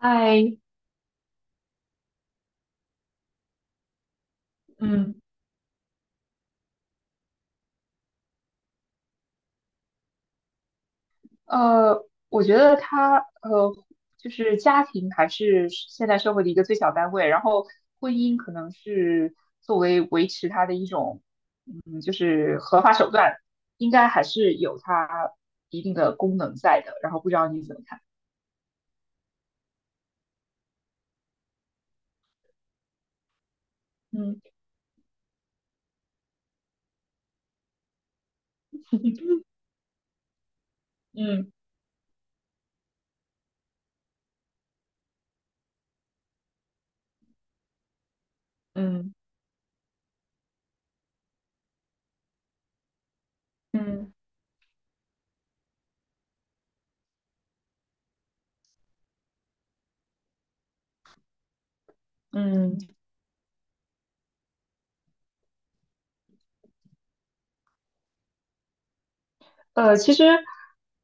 哎，嗯，我觉得他就是家庭还是现代社会的一个最小单位，然后婚姻可能是作为维持它的一种，就是合法手段，应该还是有它一定的功能在的。然后不知道你怎么看？嗯嗯嗯嗯嗯，其实，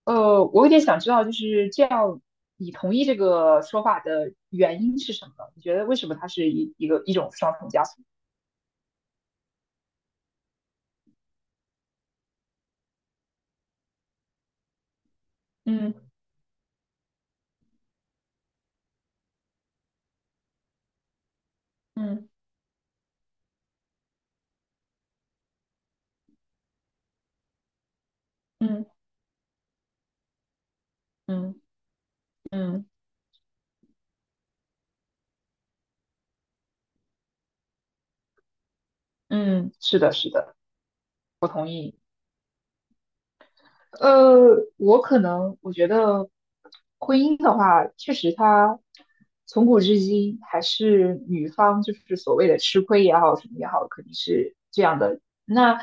我有点想知道，就是这样，你同意这个说法的原因是什么呢你觉得为什么它是一种双重加速？嗯嗯嗯嗯嗯嗯，是的，是的，我同意。我可能我觉得婚姻的话，确实它从古至今还是女方就是所谓的吃亏也好，什么也好，肯定是这样的。那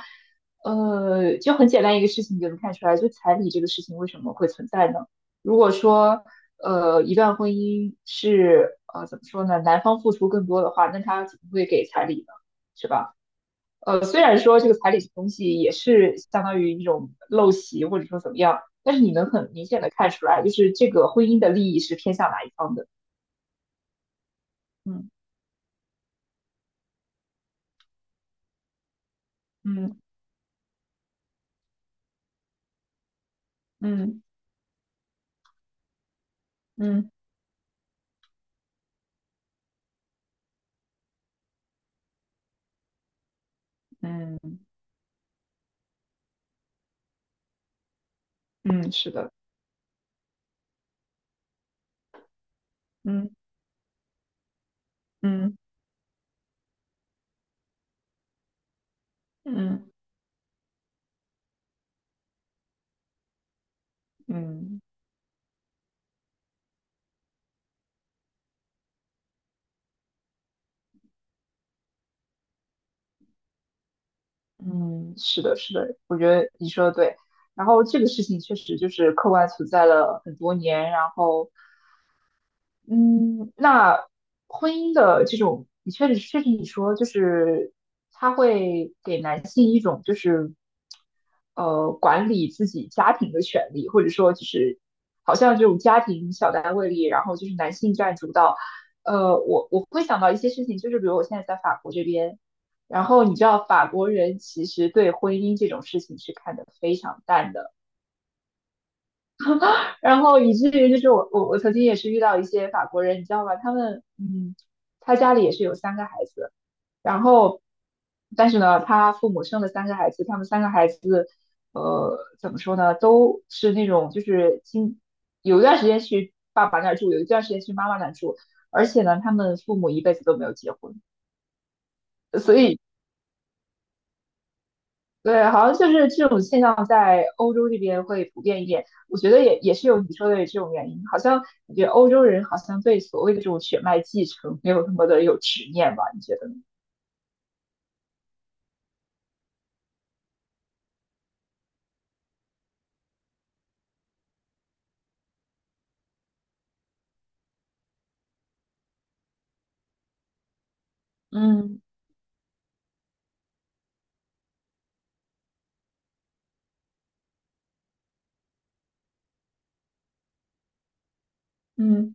就很简单一个事情，你就能看出来，就彩礼这个事情为什么会存在呢？如果说一段婚姻是怎么说呢，男方付出更多的话，那他怎么会给彩礼呢？是吧？虽然说这个彩礼这个东西也是相当于一种陋习，或者说怎么样，但是你能很明显的看出来，就是这个婚姻的利益是偏向哪一方的。嗯嗯嗯嗯嗯嗯，是的，嗯嗯嗯嗯嗯，是的，是的，我觉得你说的对。然后这个事情确实就是客观存在了很多年，然后嗯，那婚姻的这种，你确实你说，就是它会给男性一种就是管理自己家庭的权利，或者说就是好像这种家庭小单位里，然后就是男性占主导。我会想到一些事情，就是比如我现在在法国这边，然后你知道法国人其实对婚姻这种事情是看得非常淡的。然后以至于就是我曾经也是遇到一些法国人，你知道吧，他们他家里也是有三个孩子，然后但是呢，他父母生了三个孩子，他们三个孩子怎么说呢，都是那种就是有一段时间去爸爸那儿住，有一段时间去妈妈那儿住，而且呢，他们父母一辈子都没有结婚，所以对，好像就是这种现象在欧洲这边会普遍一点。我觉得也是有你说的这种原因，好像我觉得欧洲人好像对所谓的这种血脉继承没有那么的有执念吧？你觉得呢？嗯嗯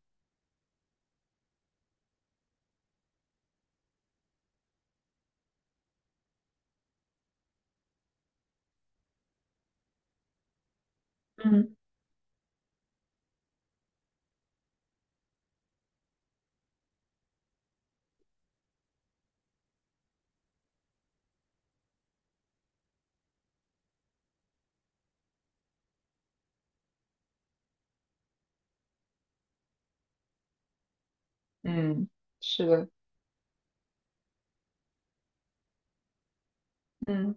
嗯嗯，是的。嗯。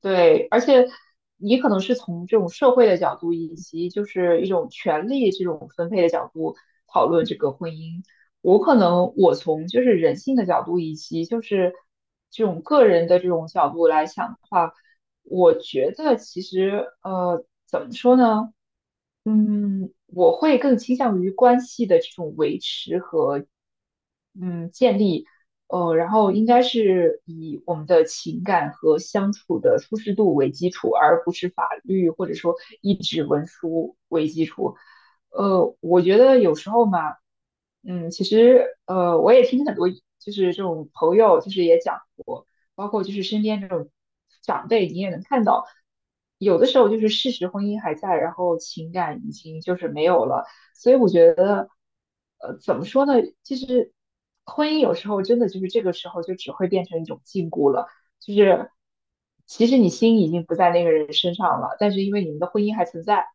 对，而且你可能是从这种社会的角度，以及就是一种权利这种分配的角度讨论这个婚姻。我可能我从就是人性的角度，以及就是这种个人的这种角度来想的话，我觉得其实怎么说呢？我会更倾向于关系的这种维持和建立，然后应该是以我们的情感和相处的舒适度为基础，而不是法律或者说一纸文书为基础。我觉得有时候嘛，其实我也听很多就是这种朋友就是也讲过，包括就是身边这种长辈，你也能看到，有的时候就是事实婚姻还在，然后情感已经就是没有了。所以我觉得，怎么说呢？其实婚姻有时候真的就是这个时候就只会变成一种禁锢了，就是其实你心已经不在那个人身上了，但是因为你们的婚姻还存在，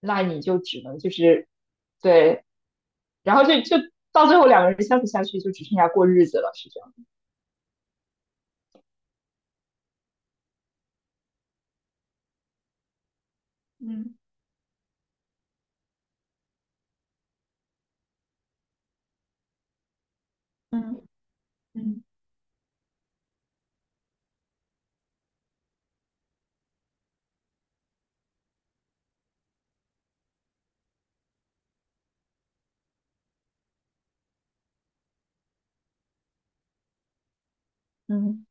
那你就只能就是对，然后就到最后两个人相处下去就只剩下过日子了，是这样。嗯嗯嗯嗯，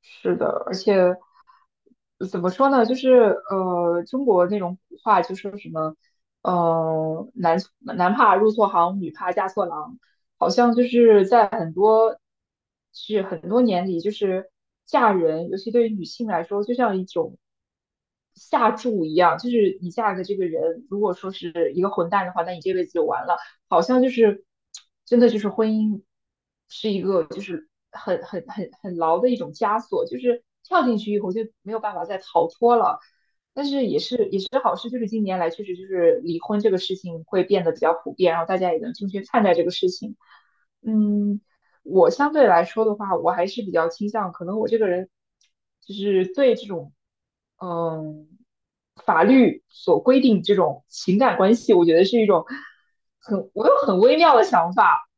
是的，而且。怎么说呢？就是中国那种古话就说什么，男怕入错行，女怕嫁错郎，好像就是在很多是很多年里，就是嫁人，尤其对于女性来说，就像一种下注一样，就是你嫁的这个人，如果说是一个混蛋的话，那你这辈子就完了。好像就是真的就是婚姻是一个就是很牢的一种枷锁，就是跳进去以后就没有办法再逃脱了。但是也是好事，就是近年来确实就是离婚这个事情会变得比较普遍，然后大家也能正确看待这个事情。嗯，我相对来说的话，我还是比较倾向，可能我这个人就是对这种，嗯，法律所规定这种情感关系，我觉得是一种我有很微妙的想法。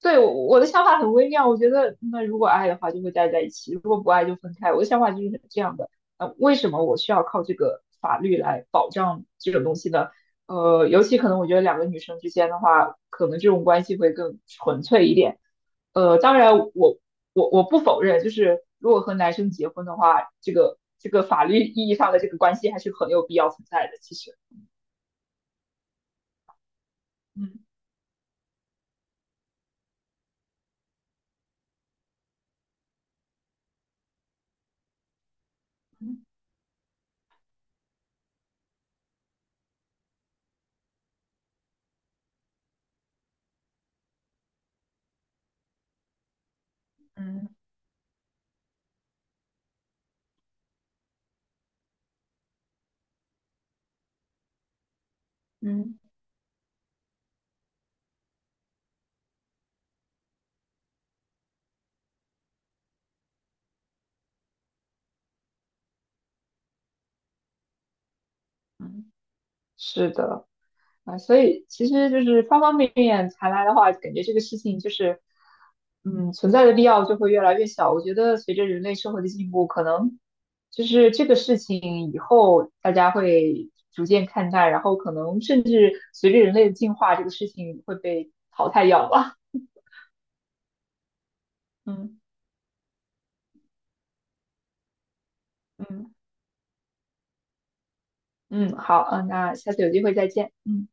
对，我的想法很微妙，我觉得那如果爱的话就会待在一起，如果不爱就分开。我的想法就是这样的，为什么我需要靠这个法律来保障这种东西呢？尤其可能我觉得两个女生之间的话，可能这种关系会更纯粹一点。当然我不否认，就是如果和男生结婚的话，这个法律意义上的这个关系还是很有必要存在的。其实，嗯，嗯嗯嗯。是的。啊，所以其实就是方方面面谈来的话，感觉这个事情就是，存在的必要就会越来越小。我觉得随着人类社会的进步，可能就是这个事情以后大家会逐渐看待，然后可能甚至随着人类的进化，这个事情会被淘汰掉吧。嗯嗯嗯，好，嗯，那下次有机会再见。嗯。